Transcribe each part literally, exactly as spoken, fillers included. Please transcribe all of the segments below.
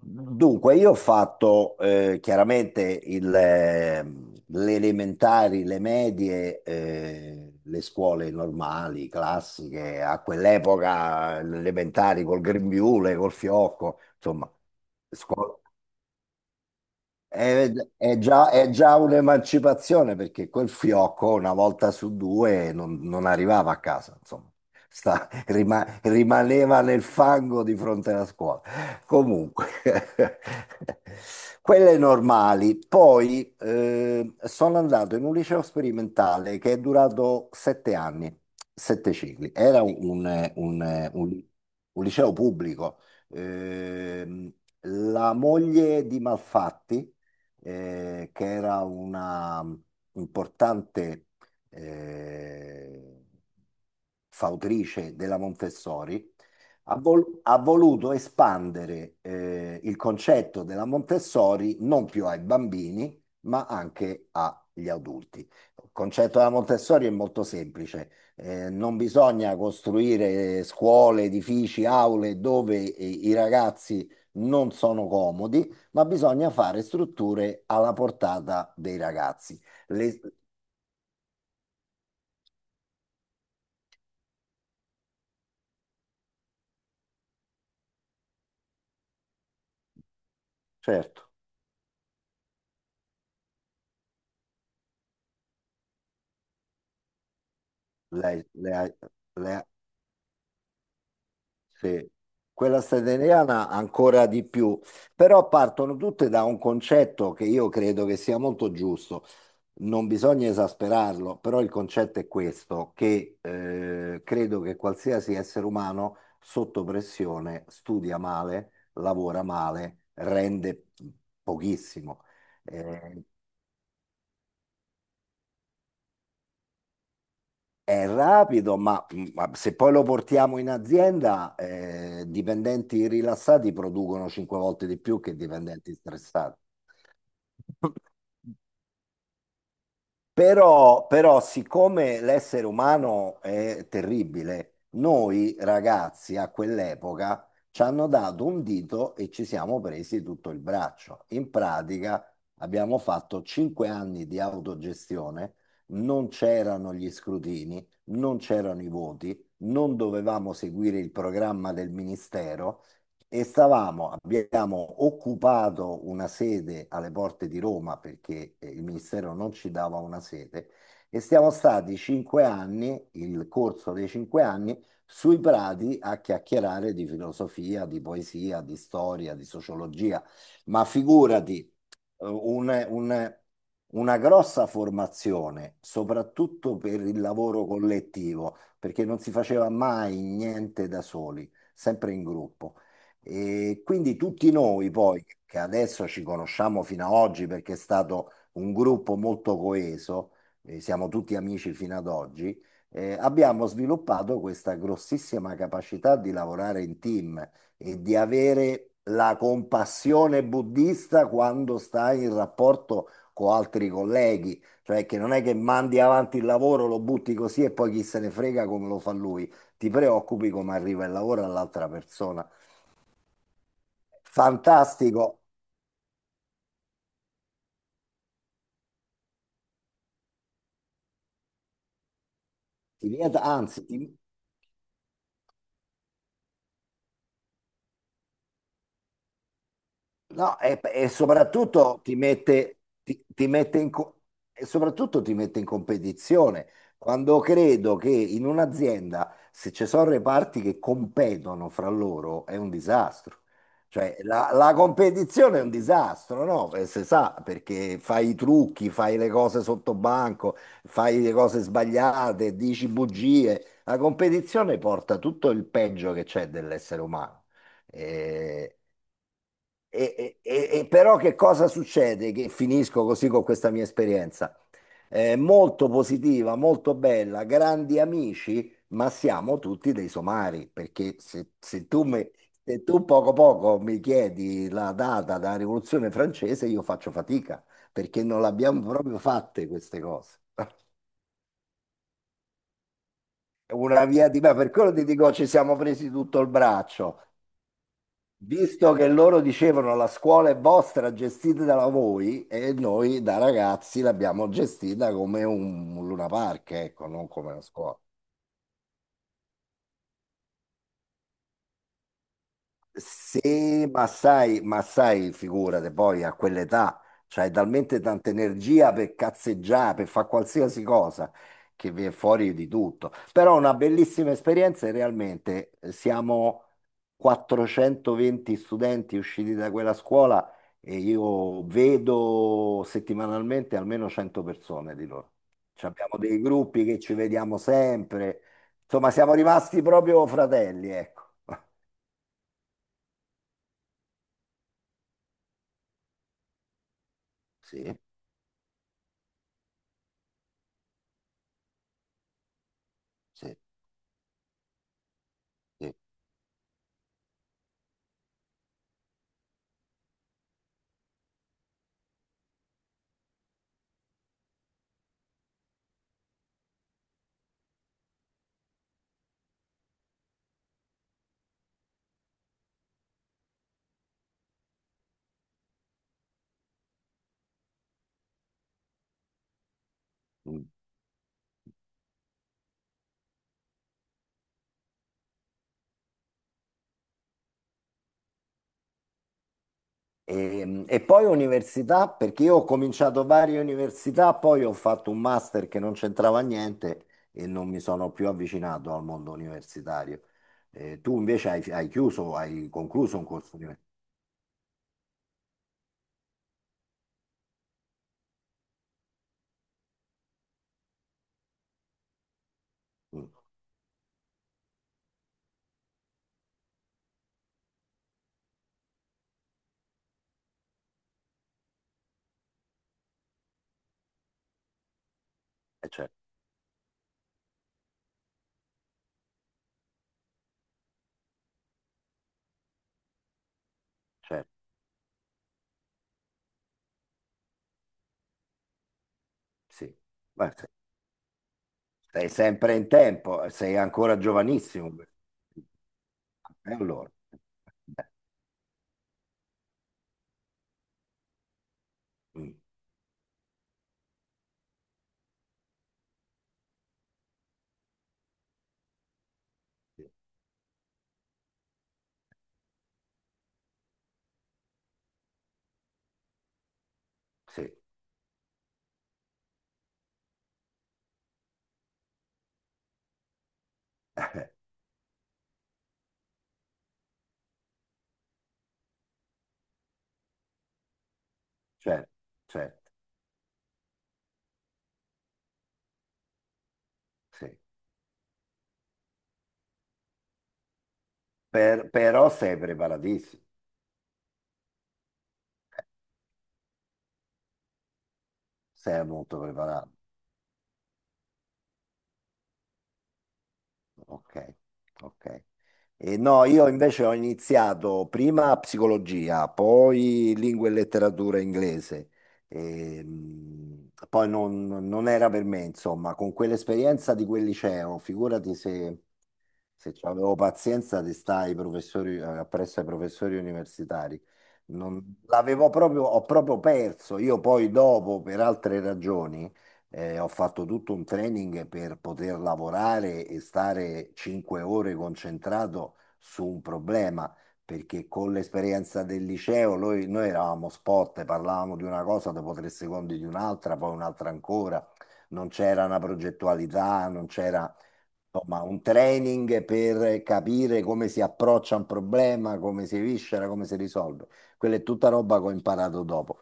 Dunque, io ho fatto eh, chiaramente il, eh, le elementari, le medie, eh, le scuole normali, classiche, a quell'epoca le elementari col grembiule, col fiocco, insomma, scuola. È, è già, è già un'emancipazione perché quel fiocco una volta su due non, non arrivava a casa, insomma, Sta- rima- rimaneva nel fango di fronte alla scuola. Comunque, quelle normali. Poi eh, sono andato in un liceo sperimentale che è durato sette anni, sette cicli. Era un, un- un- un- un liceo pubblico. Ehm, la moglie di Malfatti eh, che era una mm, importante eh, fautrice della Montessori, ha, vol- ha voluto espandere eh, il concetto della Montessori non più ai bambini, ma anche agli adulti. Il concetto della Montessori è molto semplice. Eh, non bisogna costruire scuole, edifici, aule dove eh, i ragazzi non sono comodi, ma bisogna fare strutture alla portata dei ragazzi. Le- certo, lei, le ha- le ha- sì. Quella statunitense ancora di più, però partono tutte da un concetto che io credo che sia molto giusto. Non bisogna esasperarlo, però il concetto è questo, che eh, credo che qualsiasi essere umano sotto pressione studia male, lavora male, rende pochissimo. Eh, È rapido, ma, ma se poi lo portiamo in azienda, eh, dipendenti rilassati producono cinque volte di più che dipendenti stressati. Però, però, siccome l'essere umano è terribile, noi ragazzi a quell'epoca ci hanno dato un dito e ci siamo presi tutto il braccio. In pratica abbiamo fatto cinque anni di autogestione, non c'erano gli scrutini, non c'erano i voti, non dovevamo seguire il programma del ministero e stavamo, abbiamo occupato una sede alle porte di Roma perché eh, il ministero non ci dava una sede e siamo stati cinque anni, il corso dei cinque anni, sui prati a chiacchierare di filosofia, di poesia, di storia, di sociologia. Ma figurati, eh, un- un- una grossa formazione, soprattutto per il lavoro collettivo, perché non si faceva mai niente da soli, sempre in gruppo. E quindi tutti noi poi, che adesso ci conosciamo fino ad oggi perché è stato un gruppo molto coeso, eh, siamo tutti amici fino ad oggi, eh, abbiamo sviluppato questa grossissima capacità di lavorare in team e di avere la compassione buddista quando stai in rapporto con altri colleghi, cioè che non è che mandi avanti il lavoro, lo butti così e poi chi se ne frega come lo fa lui, ti preoccupi come arriva il lavoro all'altra persona. Fantastico. Ti vieta, anzi, ti, No, e, e soprattutto ti mette, ti- ti mette in, co- e soprattutto ti mette in competizione. Quando credo che in un'azienda, se ci sono reparti che competono fra loro, è un disastro. Cioè, la, la competizione è un disastro, no? Eh, Si sa, perché fai i trucchi, fai le cose sotto banco, fai le cose sbagliate, dici bugie. La competizione porta tutto il peggio che c'è dell'essere umano. Eh, e, e- e- però che cosa succede? Che finisco così con questa mia esperienza. Eh, molto positiva, molto bella, grandi amici, ma siamo tutti dei somari, perché se, se tu, me- se tu poco poco mi chiedi la data della Rivoluzione francese, io faccio fatica, perché non l'abbiamo proprio fatte queste cose. Una via di me, Per quello ti dico ci siamo presi tutto il braccio. Visto che loro dicevano la scuola è vostra, gestita da voi, e noi da ragazzi l'abbiamo gestita come un, un Luna Park, ecco, non come una scuola. Sì, ma sai, ma sai, figurate, poi a quell'età c'hai talmente tanta energia per cazzeggiare, per fare qualsiasi cosa, che viene fuori di tutto. Però una bellissima esperienza e realmente eh, siamo quattrocentoventi studenti usciti da quella scuola e io vedo settimanalmente almeno cento persone di loro. Ci abbiamo dei gruppi che ci vediamo sempre, insomma siamo rimasti proprio fratelli, ecco. Sì, sì. Sì. Mm. E, e poi università, perché io ho cominciato varie università, poi ho fatto un master che non c'entrava niente e non mi sono più avvicinato al mondo universitario. Eh, tu invece hai, hai chiuso, hai concluso un corso universitario. Certo, certo, sì. Beh, se- sei sempre in tempo, sei ancora giovanissimo. E allora? Beh, mm, sì, certo, certo, sì. Per- però sei preparatissimo. Sei molto preparato, ok, ok. E no, io invece ho iniziato prima psicologia, poi lingua e letteratura inglese. E, mh, poi non, non era per me, insomma, con quell'esperienza di quel liceo, figurati se, se avevo pazienza di stare ai professori, eh, appresso ai professori universitari. Non, l'avevo proprio, ho proprio perso, io poi dopo, per altre ragioni. Eh, ho fatto tutto un training per poter lavorare e stare cinque ore concentrato su un problema, perché con l'esperienza del liceo noi, noi eravamo spot, parlavamo di una cosa, dopo tre secondi di un'altra, poi un'altra ancora, non c'era una progettualità, non c'era insomma, un training per capire come si approccia un problema, come si viscera, come si risolve. Quella è tutta roba che ho imparato dopo.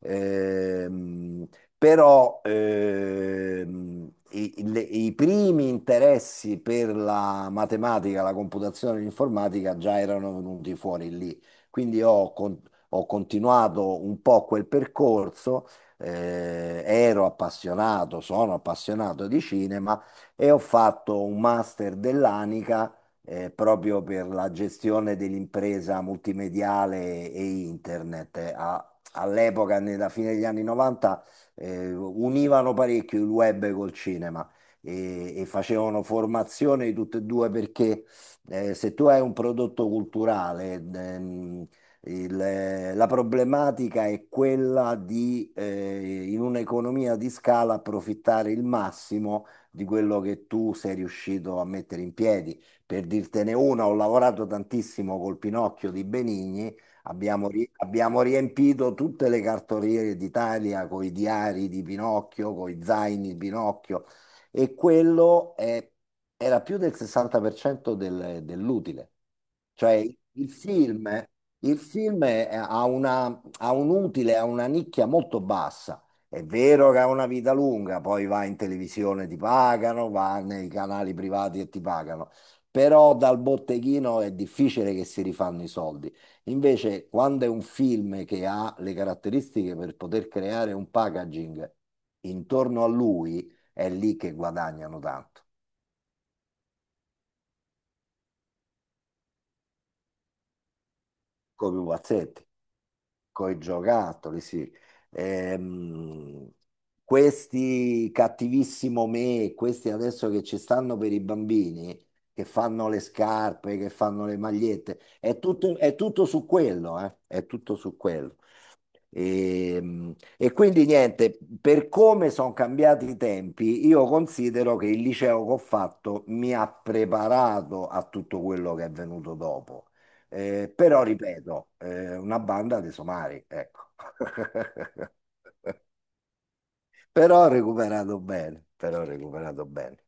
Ehm, Però ehm, i, le- i primi interessi per la matematica, la computazione e l'informatica già erano venuti fuori lì. Quindi ho, con- ho continuato un po' quel percorso, eh, ero appassionato, sono appassionato di cinema e ho fatto un master dell'Anica. Eh, proprio per la gestione dell'impresa multimediale e internet. Eh, a- all'epoca, nella fine degli anni novanta, eh, univano parecchio il web col cinema e, e facevano formazione di tutte e due perché eh, se tu hai un prodotto culturale, ehm, il- la problematica è quella di, eh, in un'economia di scala, approfittare il massimo di quello che tu sei riuscito a mettere in piedi. Per dirtene una, ho lavorato tantissimo col Pinocchio di Benigni. Abbiamo, ri- abbiamo riempito tutte le cartoliere d'Italia con i diari di Pinocchio, con i zaini di Pinocchio e quello è- era più del sessanta per cento del- dell'utile. Cioè il film, il film è- ha una- ha un utile, ha una nicchia molto bassa. È vero che ha una vita lunga, poi va in televisione, ti pagano, va nei canali privati e ti pagano, però dal botteghino è difficile che si rifanno i soldi. Invece, quando è un film che ha le caratteristiche per poter creare un packaging intorno a lui, è lì che guadagnano tanto, con i pupazzetti, con i giocattoli, sì. Ehm, Questi cattivissimo me, questi adesso che ci stanno per i bambini, che fanno le scarpe, che fanno le magliette, è tutto, è tutto su quello, eh? È tutto su quello. E, e quindi niente, per come sono cambiati i tempi, io considero che il liceo che ho fatto mi ha preparato a tutto quello che è venuto dopo. Eh, però ripeto, eh, una banda dei somari, ecco. Però ho recuperato bene, però ho recuperato bene.